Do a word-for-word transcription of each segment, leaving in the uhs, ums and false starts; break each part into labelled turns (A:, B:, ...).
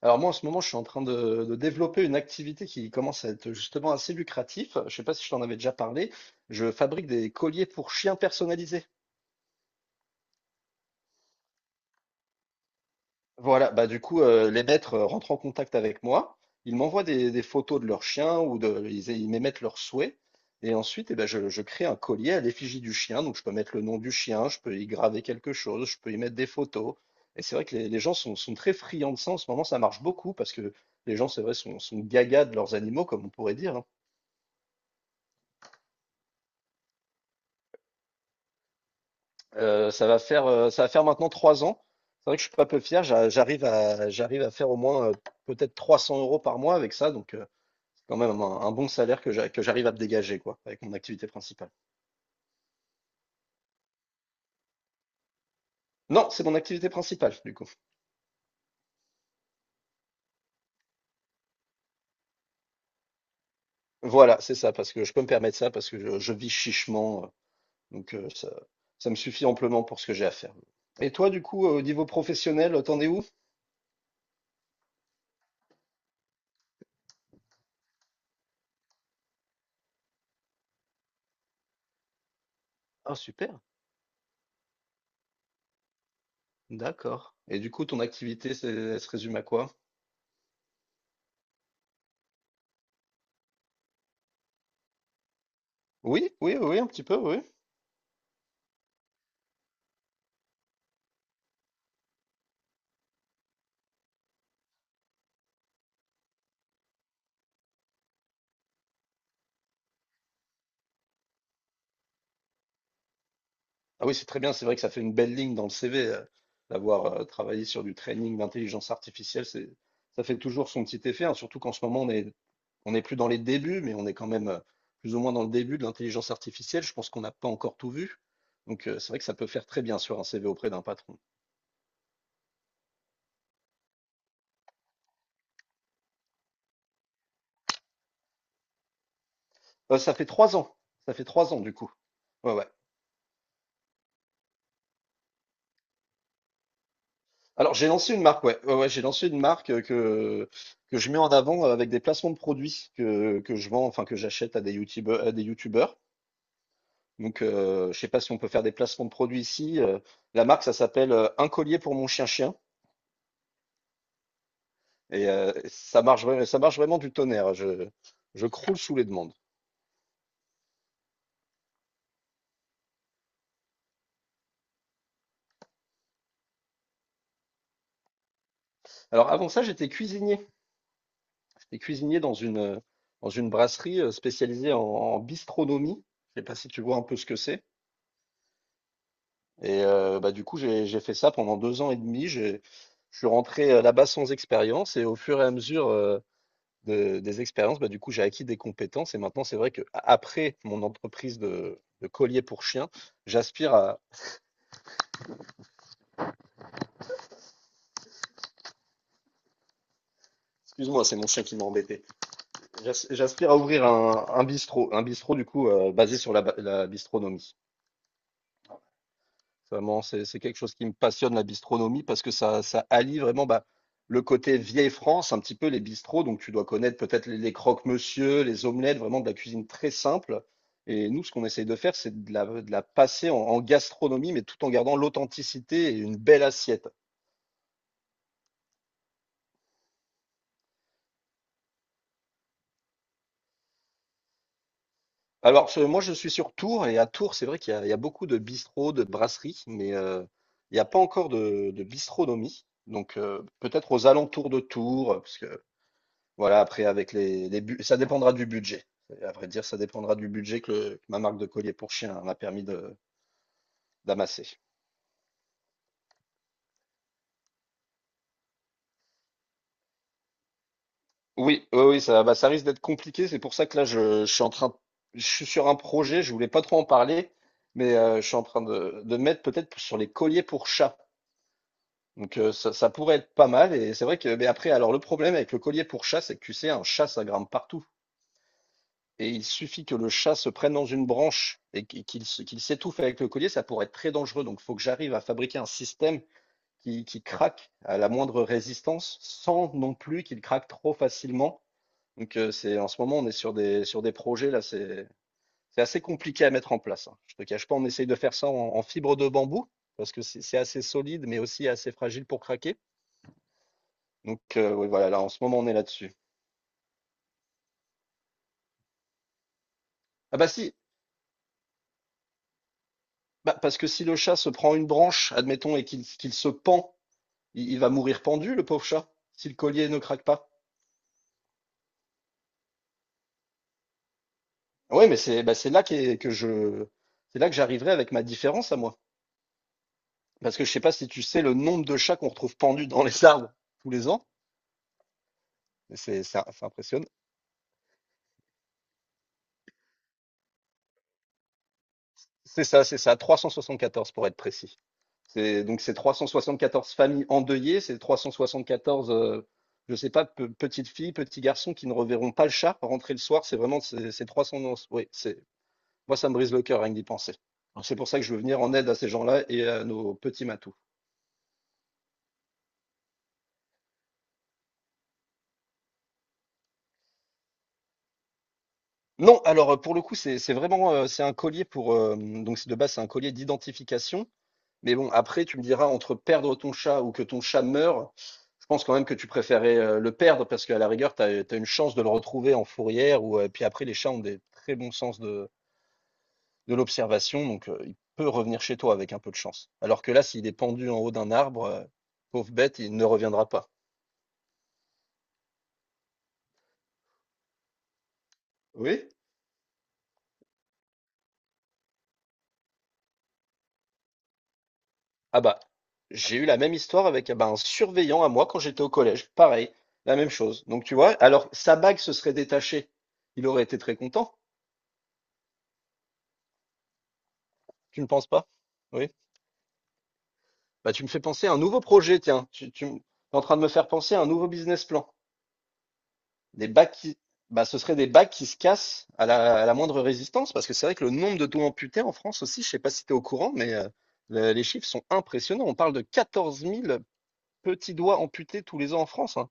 A: Alors moi, en ce moment, je suis en train de, de développer une activité qui commence à être justement assez lucratif. Je sais pas si je t'en avais déjà parlé. Je fabrique des colliers pour chiens personnalisés. Voilà, bah du coup, euh, les maîtres euh, rentrent en contact avec moi. Ils m'envoient des, des photos de leurs chiens ou de, ils, ils m'émettent leurs souhaits. Et ensuite, eh ben, je, je crée un collier à l'effigie du chien. Donc, je peux mettre le nom du chien, je peux y graver quelque chose, je peux y mettre des photos. Et c'est vrai que les, les gens sont, sont très friands de ça. En ce moment, ça marche beaucoup parce que les gens, c'est vrai, sont, sont gaga de leurs animaux, comme on pourrait dire, hein. Euh, ça va faire, euh, ça va faire maintenant trois ans. C'est vrai que je suis pas peu fier. j'a- J'arrive à, j'arrive à faire au moins euh, peut-être trois cents euros par mois avec ça. Donc, euh, c'est quand même un, un bon salaire que j'a- que j'arrive à me dégager, quoi, avec mon activité principale. Non, c'est mon activité principale, du coup. Voilà, c'est ça, parce que je peux me permettre ça, parce que je, je vis chichement. euh, donc, euh, ça, Ça me suffit amplement pour ce que j'ai à faire. Et toi, du coup, euh, au niveau professionnel, euh, t'en es où? Ah, super. D'accord. Et du coup, ton activité, c'est- elle se résume à quoi? Oui, oui, oui, un petit peu, oui. Ah oui, c'est très bien, c'est vrai que ça fait une belle ligne dans le C V, euh, d'avoir euh, travaillé sur du training d'intelligence artificielle, c'est, ça fait toujours son petit effet, hein, surtout qu'en ce moment, on est, on n'est plus dans les débuts, mais on est quand même euh, plus ou moins dans le début de l'intelligence artificielle. Je pense qu'on n'a pas encore tout vu. Donc, euh, c'est vrai que ça peut faire très bien sur un C V auprès d'un patron. Euh, ça fait trois ans. Ça fait trois ans, du coup. Ouais, ouais. Alors, j'ai lancé une marque, ouais. Ouais, ouais, j'ai lancé une marque euh, que, que je mets en avant euh, avec des placements de produits que, que je vends, enfin, que j'achète à des youtubeurs, à des youtubeurs. Donc, euh, je sais pas si on peut faire des placements de produits ici. Euh, la marque, ça s'appelle euh, Un collier pour mon chien-chien. Et euh, ça marche, vra- ça marche vraiment du tonnerre. Je, je croule sous les demandes. Alors, avant ça, j'étais cuisinier. J'étais cuisinier dans une, euh, dans une brasserie euh, spécialisée en, en bistronomie. Je sais pas si tu vois un peu ce que c'est. Et euh, bah, du coup, j'ai, j'ai fait ça pendant deux ans et demi. J'ai- Je suis rentré euh, là-bas sans expérience. Et au fur et à mesure euh, De des expériences, bah, du coup, j'ai acquis des compétences et maintenant, c'est vrai que a- après mon entreprise de de collier pour chien, j'aspire à excuse-moi, c'est mon chien qui m'a embêté. J'as- J'aspire à ouvrir un un bistrot, un bistrot, du coup, heu, basé sur la ba la bistronomie. Vraiment, c'est c'est quelque chose qui me passionne, la bistronomie, parce que ça, ça allie vraiment bah, le côté vieille France, un petit peu les bistrots. Donc, tu dois connaître peut-être les, les croque-monsieur, les omelettes, vraiment de la cuisine très simple. Et nous, ce qu'on essaye de faire, c'est de la, de la passer en, en gastronomie, mais tout en gardant l'authenticité et une belle assiette. Alors, je- moi, je suis sur Tours, et à Tours, c'est vrai qu'il y a, il y a beaucoup de bistrots, de brasseries, mais euh, il n'y a pas encore de, de bistronomie. Donc, euh, peut-être aux alentours de Tours, parce que voilà, après, avec les, les bu- ça dépendra du budget. À vrai dire, ça dépendra du budget que, le- que ma marque de collier pour chien m'a permis de d'amasser. Oui, oui, oui, ça, bah, ça risque d'être compliqué. C'est pour ça que là, je, je suis en train, je suis sur un projet. Je voulais pas trop en parler, mais euh, je suis en train de, de mettre peut-être sur les colliers pour chat. Donc, euh, ça, ça pourrait être pas mal. Et c'est vrai que, mais après, alors le problème avec le collier pour chat, c'est que tu sais, un chat, ça grimpe partout. Et il suffit que le chat se prenne dans une branche et qu'il qu'il s'étouffe avec le collier, ça pourrait être très dangereux. Donc, il faut que j'arrive à fabriquer un système qui, qui craque à la moindre résistance, sans non plus qu'il craque trop facilement. Donc, euh, c'est, en ce moment, on est sur des, sur des projets, là, c'est, c'est assez compliqué à mettre en place, hein. Je ne te cache pas, on essaye de faire ça en, en fibre de bambou, parce que c'est c'est assez solide, mais aussi assez fragile pour craquer. Donc, euh, ouais, voilà, là, en ce moment, on est là-dessus. Ah bah si, bah, parce que si le chat se prend une branche, admettons, et qu'il qu'il se pend, Il, il va mourir pendu, le pauvre chat, si le collier ne craque pas. Oui, mais c'est bah, c'est là qu'est- que je, c'est là que j'arriverai avec ma différence à moi. Parce que je sais pas si tu sais le nombre de chats qu'on retrouve pendus dans les arbres tous les ans. C'est, ça, ça impressionne. C'est ça, c'est ça, trois cent soixante-quatorze pour être précis. C'est, donc c'est trois cent soixante-quatorze familles endeuillées, c'est trois cent soixante-quatorze, euh, je sais pas, pe- petites filles, petits garçons qui ne reverront pas le chat rentrer le soir. C'est vraiment, c'est c'est trois cents, oui, c'est... Moi, ça me brise le cœur rien que d'y penser. Donc c'est pour ça que je veux venir en aide à ces gens-là et à nos petits matous. Non, alors euh, pour le coup, c'est c'est vraiment euh, c'est un collier pour euh, donc c'est de base c'est un collier d'identification. Mais bon, après tu me diras entre perdre ton chat ou que ton chat meure, je pense quand même que tu préférais euh, le perdre parce qu'à la rigueur, tu as, une chance de le retrouver en fourrière ou euh, puis après les chats ont des très bons sens de, de l'observation, donc euh, il peut revenir chez toi avec un peu de chance. Alors que là, s'il est pendu en haut d'un arbre, euh, pauvre bête, il ne reviendra pas. Oui? Ah bah, j'ai eu la même histoire avec ah bah, un surveillant à moi quand j'étais au collège. Pareil, la même chose. Donc tu vois, alors sa bague se serait détachée. Il aurait été très content. Tu ne penses pas? Oui. Bah tu me fais penser à un nouveau projet, tiens. Tu, tu es en train de me faire penser à un nouveau business plan. Des bagues qui, Bah ce serait des bagues qui se cassent à la, à la moindre résistance, parce que c'est vrai que le nombre de doigts amputés en France aussi, je sais pas si tu es au courant, mais euh, le- les chiffres sont impressionnants. On parle de quatorze mille petits doigts amputés tous les ans en France, hein.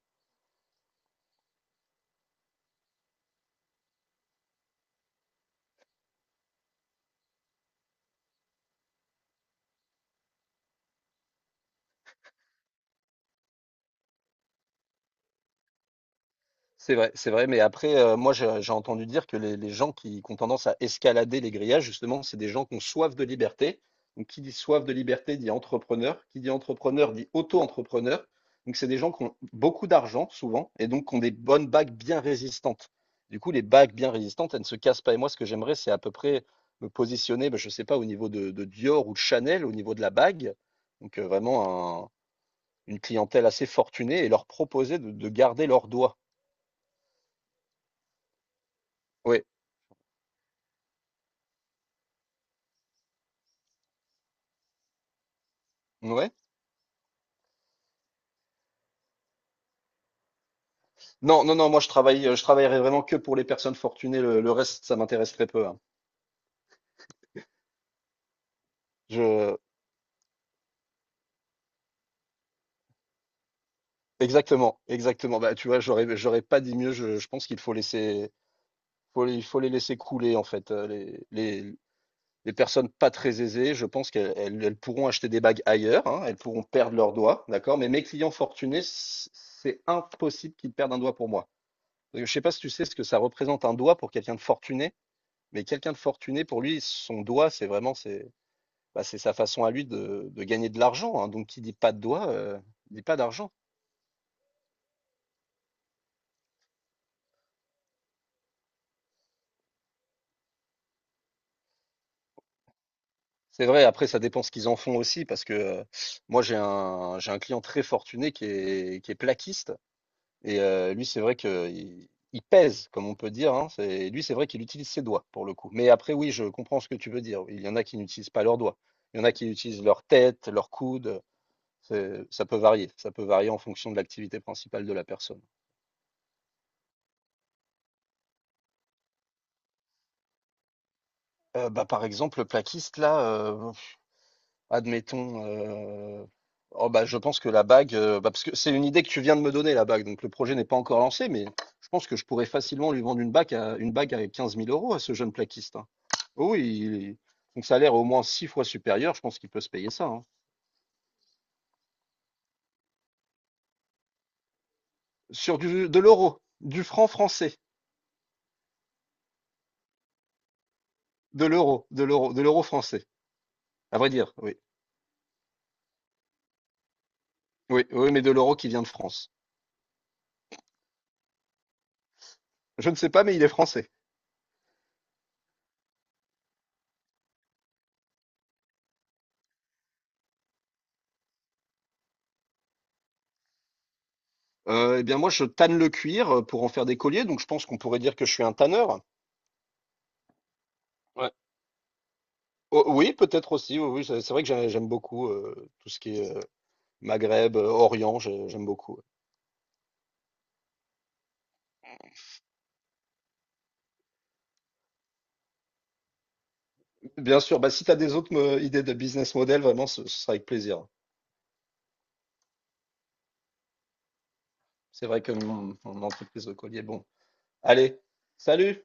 A: C'est vrai, c'est vrai, mais après, heu, moi, je j'ai entendu dire que les les gens qui qui ont tendance à escalader les grillages, justement, c'est des gens qui ont soif de liberté. Donc qui dit soif de liberté dit entrepreneur, qui dit entrepreneur dit auto-entrepreneur. Donc c'est des gens qui ont beaucoup d'argent souvent et donc qui ont des bonnes bagues bien résistantes. Du coup, les bagues bien résistantes, elles ne se cassent pas et moi, ce que j'aimerais, c'est à peu près me positionner, bah, je ne sais pas, au niveau de de Dior ou de Chanel, au niveau de la bague. Donc, heu, vraiment un une clientèle assez fortunée et leur proposer de de garder leurs doigts. Oui. Ouais. Non, non, non, moi je travaille, euh, je travaillerai vraiment que pour les personnes fortunées. Le, le reste, ça m'intéresse très peu, hein. Je, exactement, exactement. Bah, tu vois, j'aurais, j'aurais pas dit mieux. Je, je pense qu'il faut laisser, faut les, il faut les laisser couler en fait. Euh, Les, les, les personnes pas très aisées, je pense qu'elles elles, elles pourront acheter des bagues ailleurs, hein, elles pourront perdre leurs doigts, d'accord. Mais mes clients fortunés, c- c'est impossible qu'ils perdent un doigt pour moi. Parce que je sais pas si tu sais ce que ça représente un doigt pour quelqu'un de fortuné, mais quelqu'un de fortuné pour lui, son doigt, c'est vraiment, c'est... Bah, c'est sa façon à lui de, de gagner de l'argent, hein. Donc, qui dit pas de doigts, euh, dit pas d'argent. C'est vrai, après, ça dépend ce qu'ils en font aussi, parce que euh, moi, j'ai un, j'ai un client très fortuné qui est, qui est plaquiste, et euh, lui, c'est vrai que il, il pèse, comme on peut dire, hein. C'est, lui, c'est vrai qu'il utilise ses doigts, pour le coup. Mais après, oui, je comprends ce que tu veux dire. Il y en a qui n'utilisent pas leurs doigts. Il y en a qui utilisent leur tête, leur coude. C'est- Ça peut varier. Ça peut varier en fonction de l'activité principale de la personne. Euh, bah, par exemple, le plaquiste, là, euh, Admettons, heu, oh bah, je pense que la bague, heu, bah, parce que c'est une idée que tu viens de me donner la bague, donc le projet n'est pas encore lancé, mais je pense que je pourrais facilement lui vendre une bague à une bague à 15 000 euros à ce jeune plaquiste, hein. Oh oui, il est- son salaire est au moins six fois supérieur, je pense qu'il peut se payer ça, hein. Sur du de l'euro, du franc français, de l'euro, de l'euro, de l'euro français, à vrai dire, oui. Oui, oui, mais de l'euro qui vient de France. Je ne sais pas, mais il est français. Heu, et bien moi, je tanne le cuir, heu, pour en faire des colliers, donc je pense qu'on pourrait dire que je suis un tanneur. Ouais. O Oui, peut-être aussi, oui, oui, c'est c'est vrai que j'ai j'aime beaucoup, heu, tout ce qui est, heu, Maghreb, heu, Orient, je j'aime beaucoup, ouais. Bien sûr, bah, si tu as des autres me idées de business model, vraiment, ce ce sera avec plaisir. C'est vrai que mon mon entreprise de collier, bon. Allez, salut!